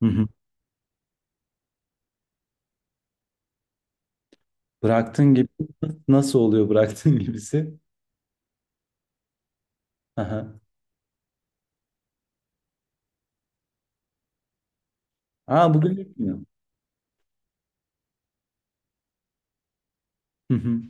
Hı hı. Bıraktığın gibi nasıl oluyor bıraktığın gibisi? Aha. Aa, bugün yapmıyor. Hı hı.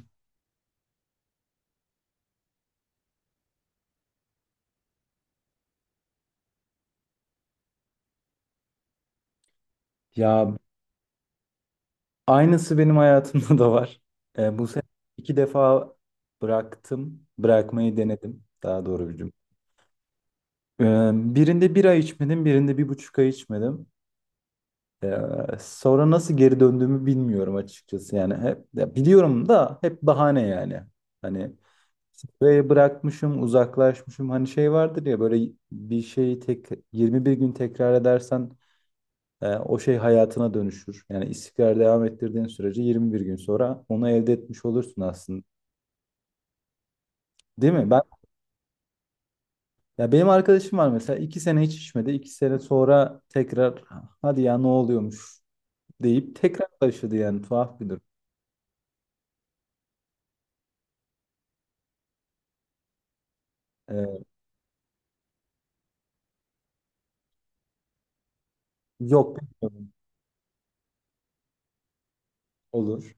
Ya aynısı benim hayatımda da var. Bu sene iki defa bıraktım. Bırakmayı denedim. Daha doğru bir cümle. E, Birinde bir ay içmedim, birinde bir buçuk ay içmedim. E, Sonra nasıl geri döndüğümü bilmiyorum açıkçası. Yani hep ya biliyorum da hep bahane yani. Hani spreyi bırakmışım, uzaklaşmışım. Hani şey vardır ya, böyle bir şeyi tek 21 gün tekrar edersen o şey hayatına dönüşür. Yani istikrar devam ettirdiğin sürece 21 gün sonra onu elde etmiş olursun aslında. Değil mi? Ben ya benim arkadaşım var mesela, 2 sene hiç içmedi. İki sene sonra tekrar hadi ya ne oluyormuş deyip tekrar başladı, yani tuhaf bir durum. E, Yok, bilmiyorum. Olur.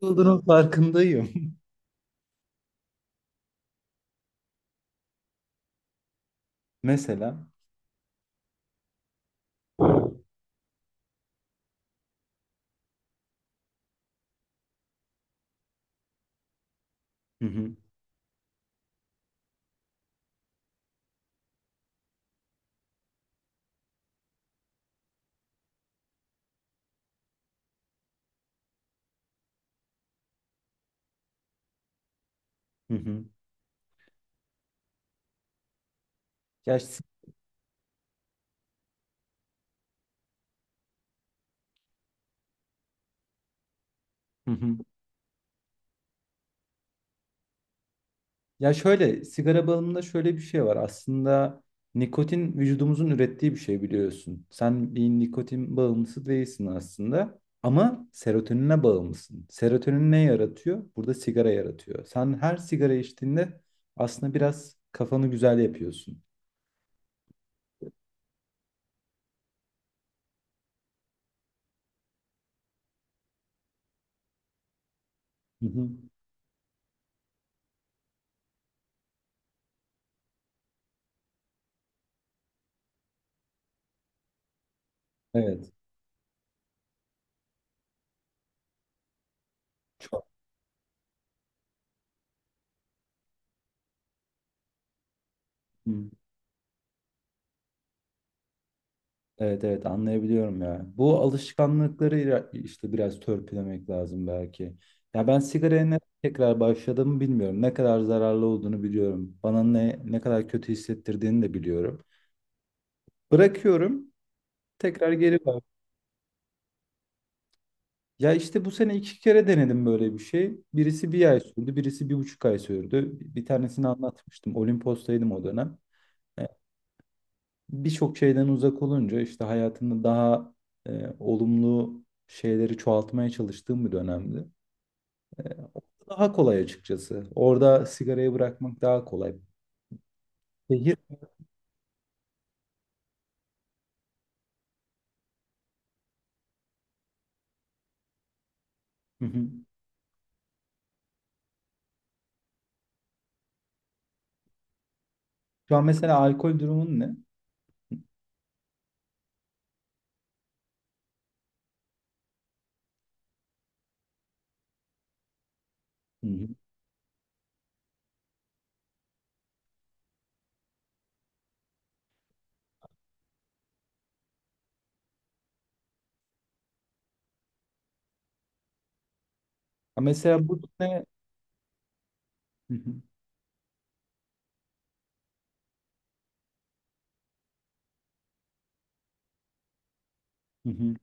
Olduğunun farkındayım. Mesela. Hı hı. Hı hı. Gerçi- Hı hı. Ya şöyle, sigara bağımlılığında şöyle bir şey var. Aslında nikotin vücudumuzun ürettiği bir şey, biliyorsun. Sen bir nikotin bağımlısı değilsin aslında, ama serotonine bağımlısın. Serotonin ne yaratıyor? Burada sigara yaratıyor. Sen her sigara içtiğinde aslında biraz kafanı güzel yapıyorsun. Hı hı. Evet. Çok. Hı. Evet, evet, anlayabiliyorum ya. Bu alışkanlıkları ira- işte biraz törpülemek lazım belki. Ya ben sigaraya ne tekrar başladığımı bilmiyorum. Ne kadar zararlı olduğunu biliyorum. Bana ne ne kadar kötü hissettirdiğini de biliyorum. Bırakıyorum, tekrar geri bak. Ya işte bu sene iki kere denedim böyle bir şey. Birisi bir ay sürdü, birisi bir buçuk ay sürdü. Bir tanesini anlatmıştım. Olimpos'taydım o dönem. Birçok şeyden uzak olunca işte hayatında daha olumlu şeyleri çoğaltmaya çalıştığım bir dönemdi. E, Orada daha kolay açıkçası. Orada sigarayı bırakmak daha kolay. Şehir. Hı hı. Şu an mesela alkol durumun ne? Hı hı. Ha, mesela bu ne? Hı hı. Hı hı.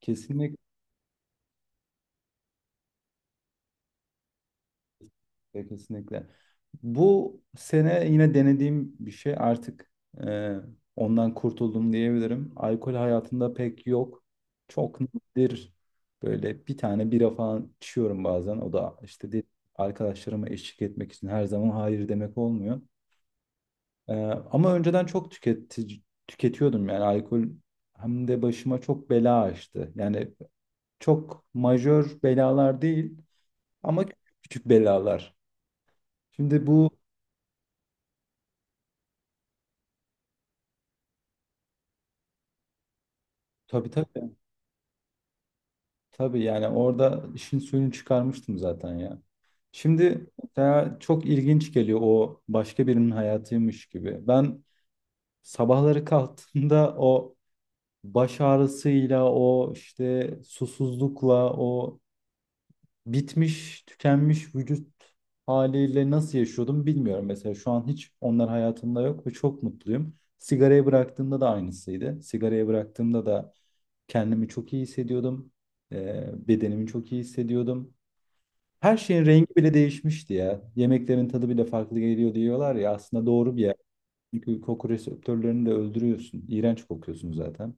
Kesinlikle. Kesinlikle, kesinlikle. Bu sene yine denediğim bir şey, artık e, ondan kurtuldum diyebilirim. Alkol hayatımda pek yok. Çok nadir, böyle bir tane bira falan içiyorum bazen. O da işte de- arkadaşlarıma eşlik etmek için, her zaman hayır demek olmuyor. E, Ama önceden çok tüketici, tüketiyordum yani alkol, hem de başıma çok bela açtı. Yani çok majör belalar değil ama küçük belalar. Şimdi bu tabii, tabii. Tabii yani orada işin suyunu çıkarmıştım zaten ya. Şimdi mesela çok ilginç geliyor, o başka birinin hayatıymış gibi. Ben sabahları kalktığımda o baş ağrısıyla, o işte susuzlukla, o bitmiş, tükenmiş vücut haliyle nasıl yaşıyordum bilmiyorum. Mesela şu an hiç onlar hayatımda yok ve çok mutluyum. Sigarayı bıraktığımda da aynısıydı. Sigarayı bıraktığımda da kendimi çok iyi hissediyordum. Bedenimi çok iyi hissediyordum. Her şeyin rengi bile değişmişti ya. Yemeklerin tadı bile farklı geliyor diyorlar ya. Aslında doğru bir yer. Çünkü koku reseptörlerini de öldürüyorsun. İğrenç kokuyorsun zaten.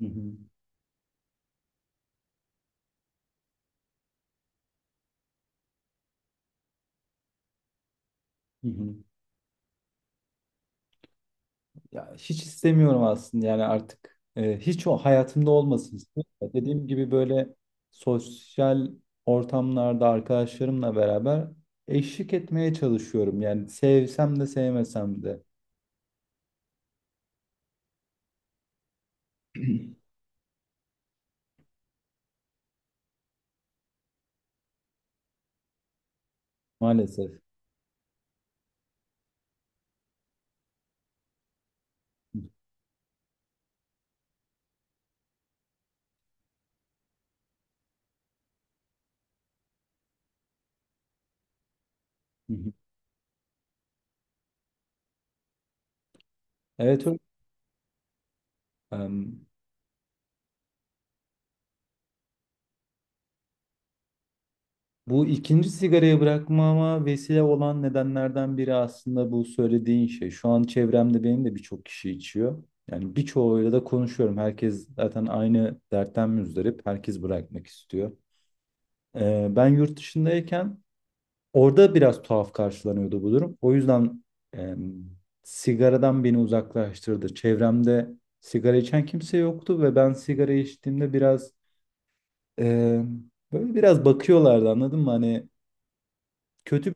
Hı hı. Hı hı. Ya hiç istemiyorum aslında, yani artık hiç o hayatımda olmasın istiyorum. Dediğim gibi, böyle sosyal ortamlarda arkadaşlarımla beraber eşlik etmeye çalışıyorum. Yani sevsem de sevmesem de maalesef. Hı hı. Evet, öyle. Bu ikinci sigarayı bırakmama vesile olan nedenlerden biri aslında bu söylediğin şey. Şu an çevremde benim de birçok kişi içiyor. Yani birçoğuyla da konuşuyorum. Herkes zaten aynı dertten müzdarip. Herkes bırakmak istiyor. Ben yurt dışındayken orada biraz tuhaf karşılanıyordu bu durum. O yüzden e, sigaradan beni uzaklaştırdı. Çevremde sigara içen kimse yoktu ve ben sigara içtiğimde biraz e, böyle biraz bakıyorlardı, anladın mı? Hani kötü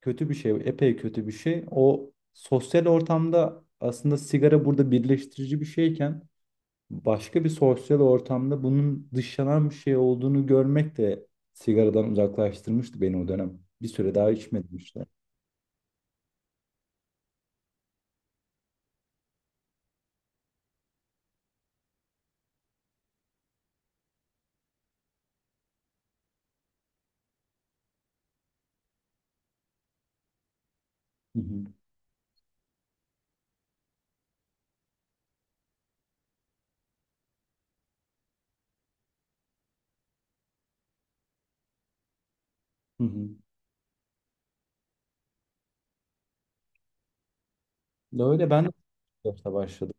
kötü bir şey, epey kötü bir şey. O sosyal ortamda aslında sigara burada birleştirici bir şeyken, başka bir sosyal ortamda bunun dışlanan bir şey olduğunu görmek de sigaradan uzaklaştırmıştı beni o dönem. Bir süre daha içmedim işte. Hı hı. Hı hı. Öyle ben de yaşta başladım.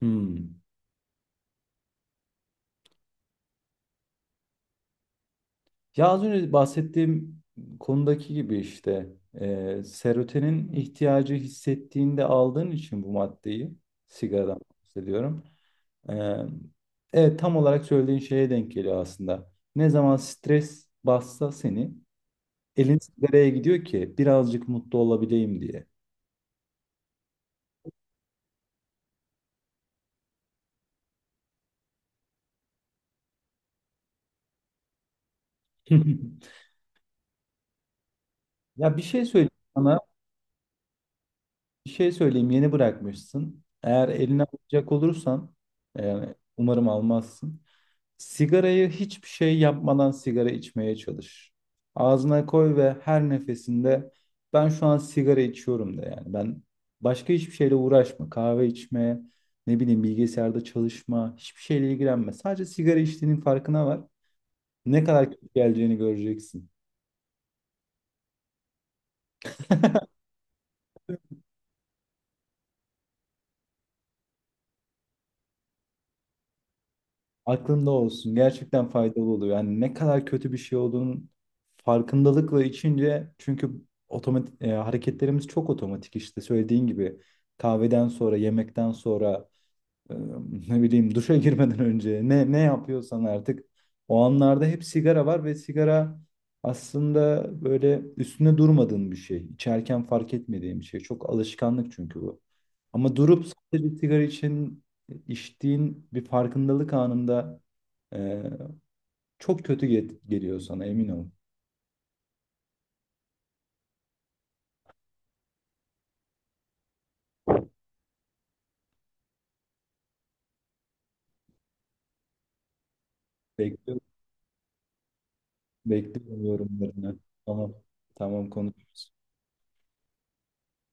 Hmm. Ya az önce bahsettiğim konudaki gibi işte serotonin ihtiyacı hissettiğinde aldığın için bu maddeyi, sigaradan bahsediyorum. Ee, evet, tam olarak söylediğin şeye denk geliyor aslında. Ne zaman stres bassa seni, elin nereye gidiyor ki birazcık mutlu olabileyim diye. Ya bir şey söyleyeyim sana. Bir şey söyleyeyim, yeni bırakmışsın. Eğer eline alacak olursan, yani umarım almazsın. Sigarayı hiçbir şey yapmadan sigara içmeye çalış. Ağzına koy ve her nefesinde ben şu an sigara içiyorum de, yani. Ben başka hiçbir şeyle uğraşma. Kahve içme, ne bileyim bilgisayarda çalışma, hiçbir şeyle ilgilenme. Sadece sigara içtiğinin farkına var. Ne kadar kötü geleceğini göreceksin. Aklında olsun. Gerçekten faydalı oluyor. Yani ne kadar kötü bir şey olduğunun farkındalıkla içince, çünkü otomatik hareketlerimiz çok otomatik, işte söylediğin gibi kahveden sonra, yemekten sonra, ee, ne bileyim duşa girmeden önce, ne ne yapıyorsan artık o anlarda hep sigara var ve sigara aslında böyle üstüne durmadığın bir şey. İçerken fark etmediğin bir şey. Çok alışkanlık çünkü bu. Ama durup sadece sigara için içtiğin bir farkındalık anında e, çok kötü get- geliyor sana, emin ol. Bekliyorum, bekliyorum yorumlarını. Tamam, tamam konuş.